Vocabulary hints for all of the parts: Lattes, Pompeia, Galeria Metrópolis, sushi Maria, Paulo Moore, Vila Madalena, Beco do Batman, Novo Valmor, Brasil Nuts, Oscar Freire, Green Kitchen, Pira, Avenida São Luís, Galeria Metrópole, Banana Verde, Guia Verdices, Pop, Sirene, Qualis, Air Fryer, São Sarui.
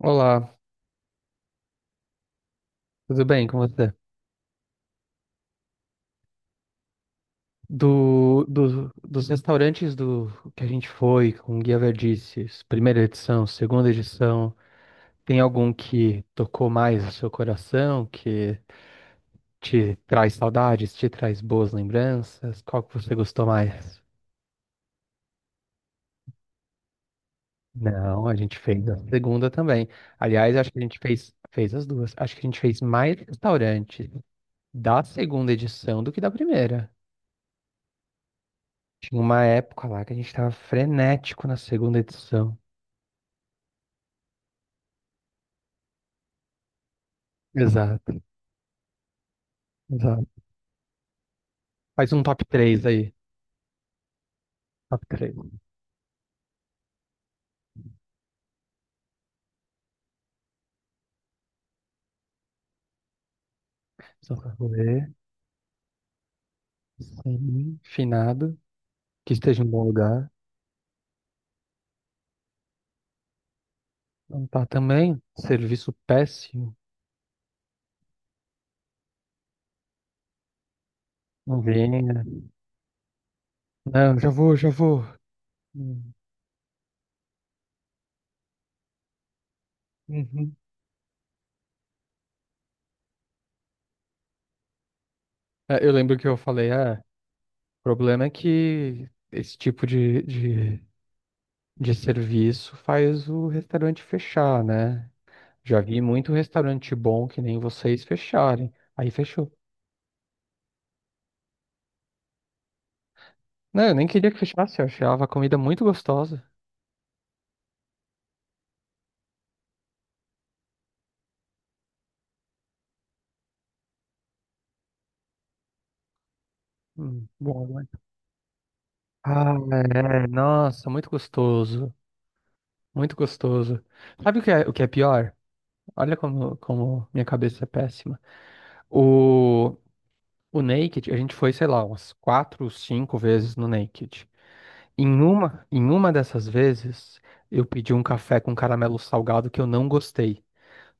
Olá, tudo bem com você? Dos restaurantes do que a gente foi com Guia Verdices, primeira edição, segunda edição, tem algum que tocou mais o seu coração, que te traz saudades, te traz boas lembranças? Qual que você gostou mais? Não, a gente fez a segunda também. Aliás, acho que a gente fez as duas. Acho que a gente fez mais restaurante da segunda edição do que da primeira. Tinha uma época lá que a gente tava frenético na segunda edição. Exato, exato. Faz um top 3 aí. Top 3. São Carolê, sem finado, que esteja em bom lugar. Não tá também. Serviço péssimo. Não venha. Não, já vou, já vou. Hum, uhum. É, eu lembro que eu falei, ah, o problema é que esse tipo de serviço faz o restaurante fechar, né? Já vi muito restaurante bom que nem vocês fecharem. Aí fechou. Não, eu nem queria que fechasse, eu achava a comida muito gostosa. Bom, né? Ah, é, nossa, muito gostoso, muito gostoso. Sabe o que é pior? Olha como minha cabeça é péssima. O, o Naked, a gente foi, sei lá, umas quatro, cinco vezes no Naked. Em uma dessas vezes, eu pedi um café com caramelo salgado que eu não gostei.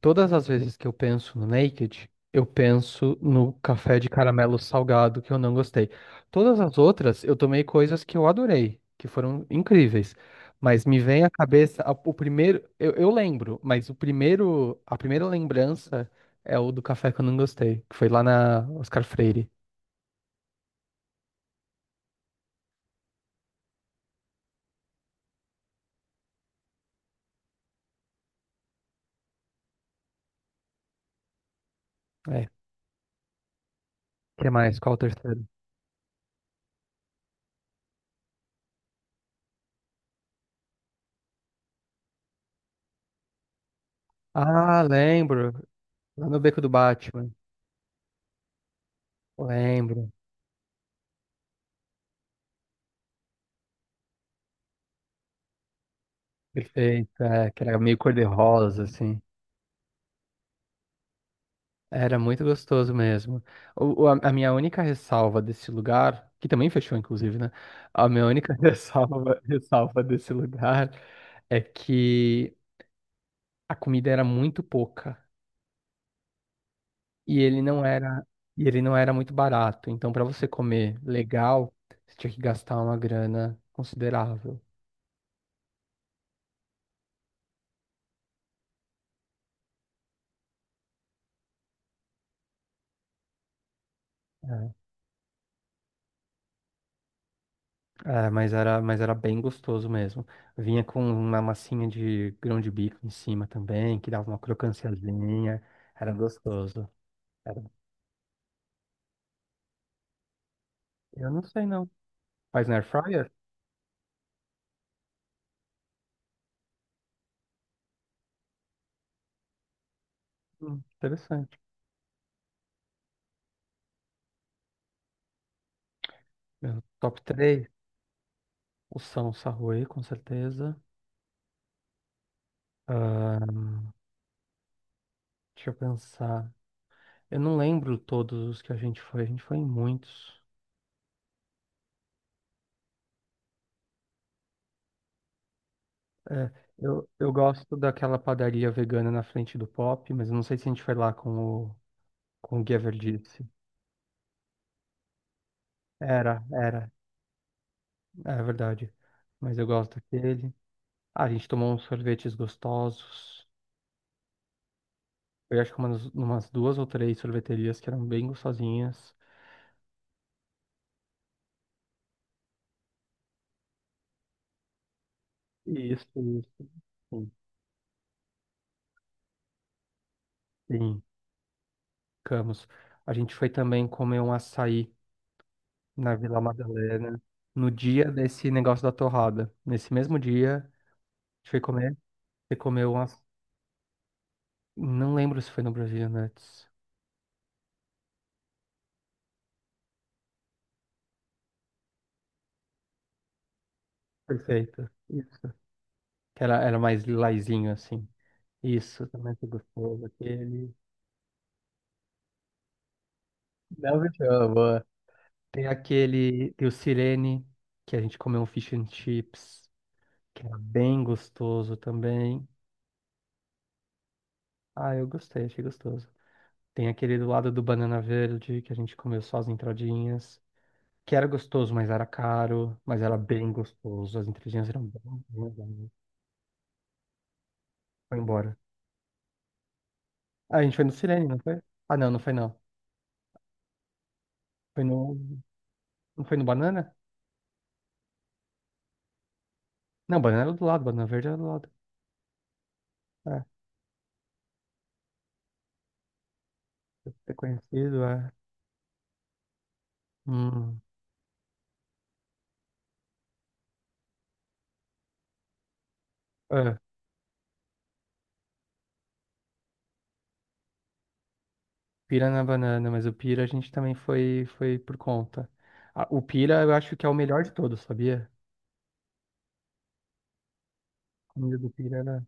Todas as vezes que eu penso no Naked, eu penso no café de caramelo salgado que eu não gostei. Todas as outras, eu tomei coisas que eu adorei, que foram incríveis. Mas me vem à cabeça a- o primeiro, eu lembro, mas o primeiro, a primeira lembrança é o do café que eu não gostei, que foi lá na Oscar Freire. É. O Que mais? Qual o terceiro? Ah, lembro. Lá no Beco do Batman. Lembro. Perfeito. É, que era meio cor-de-rosa, assim. Era muito gostoso mesmo. A minha única ressalva desse lugar, que também fechou, inclusive, né? A minha única ressalva desse lugar é que a comida era muito pouca e ele não era, e ele não era muito barato. Então, para você comer legal, você tinha que gastar uma grana considerável. É, mas era bem gostoso mesmo. Vinha com uma massinha de grão de bico em cima também, que dava uma crocânciazinha. Era gostoso. Cara, eu não sei não. Mas na Air Fryer? Interessante. Meu, top 3. O São Sarui, com certeza. Ahn, deixa eu pensar. Eu não lembro todos os que a gente foi em muitos. É, eu gosto daquela padaria vegana na frente do Pop, mas eu não sei se a gente foi lá o, com o Guia Verdice. Era, era, é verdade. Mas eu gosto daquele. Ah, a gente tomou uns sorvetes gostosos. Eu acho que umas duas ou três sorveterias que eram bem gostosinhas. Isso, isso. Sim, sim, ficamos. A gente foi também comer um açaí na Vila Madalena no dia desse negócio da torrada. Nesse mesmo dia, a gente foi comer. Você comeu uma. Não lembro se foi no Brasil Nuts. Perfeito. Isso. Era mais lilazinho assim. Isso, também foi gostoso. Aquele. Não me boa. Tem aquele. Tem o Sirene, que a gente comeu um fish and chips, que era bem gostoso também. Ah, eu gostei, achei gostoso. Tem aquele do lado do Banana Verde, que a gente comeu só as entradinhas, que era gostoso, mas era caro, mas era bem gostoso. As entradinhas eram bem. Foi embora. Ah, a gente foi no Sirene, não foi? Ah, não, não foi não. Foi no... Não foi no Banana? Não, Banana era do lado, Banana Verde era do lado. É, deve ter conhecido, é. Hum. É, Pira na Banana, mas o Pira a gente também foi, foi por conta. Ah, o Pira eu acho que é o melhor de todos, sabia? A comida do Pira era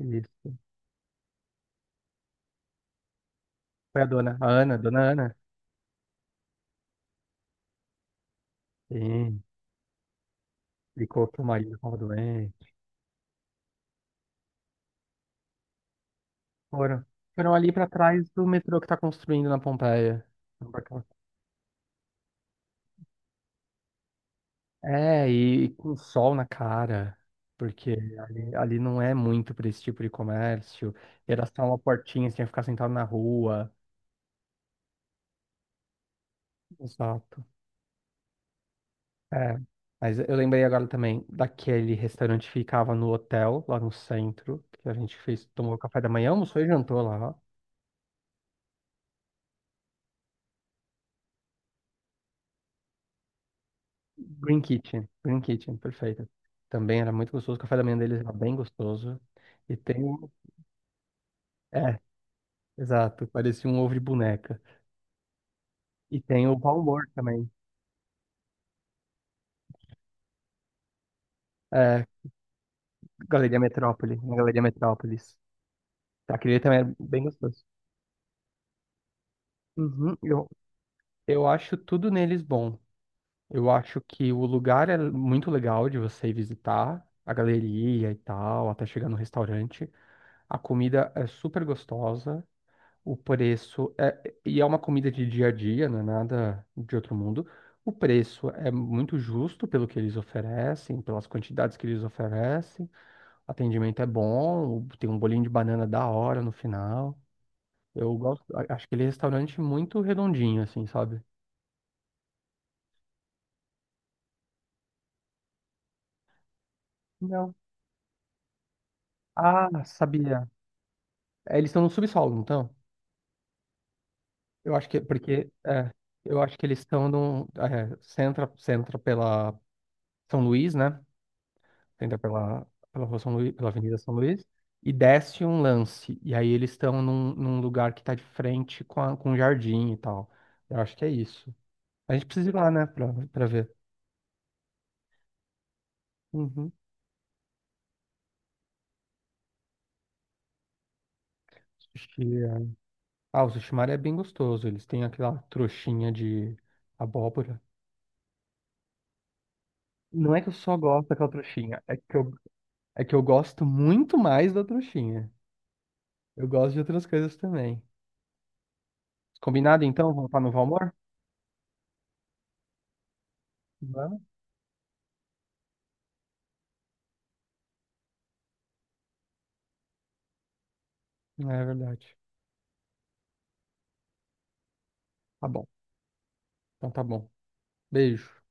isso. Foi a dona, a Ana, dona Ana. Sim. Explicou que o marido estava doente. Foram, foram ali pra trás do metrô que tá construindo na Pompeia. Foram pra E com sol na cara, porque ali não é muito pra esse tipo de comércio. Era só uma portinha, você tinha que ficar sentado na rua. Exato. É. Mas eu lembrei agora também daquele restaurante que ficava no hotel, lá no centro, que a gente fez, tomou café da manhã, almoçou e jantou lá. Green Kitchen, perfeito. Também era muito gostoso, o café da manhã deles era bem gostoso. E tem o. É, exato, parecia um ovo de boneca. E tem o Paulo Moore também, é, na Galeria Metrópolis. Aquele também é bem gostoso. Uhum, eu acho tudo neles bom. Eu acho que o lugar é muito legal de você visitar, a galeria e tal, até chegar no restaurante. A comida é super gostosa. O preço é, e é uma comida de dia a dia, não é nada de outro mundo. O preço é muito justo pelo que eles oferecem, pelas quantidades que eles oferecem. O atendimento é bom, tem um bolinho de banana da hora no final. Eu gosto, a- acho que ele é restaurante muito redondinho, assim, sabe? Não. Ah, sabia. É, eles estão no subsolo, então. Eu acho que, porque, é, eu acho que eles estão no, é, centra pela São Luís, né? Você entra rua São Luís, pela Avenida São Luís e desce um lance. E aí eles estão num lugar que tá de frente com, a, com um jardim e tal. Eu acho que é isso. A gente precisa ir lá, né, pra ver. Uhum. Sushi. É- Ah, o sushi Maria é bem gostoso. Eles têm aquela trouxinha de abóbora. Não é que eu só gosto daquela trouxinha, é que eu gosto muito mais da trouxinha. Eu gosto de outras coisas também. Combinado então? Vamos para Novo Valmor Vamos. É verdade. Tá bom. Então tá bom. Beijo.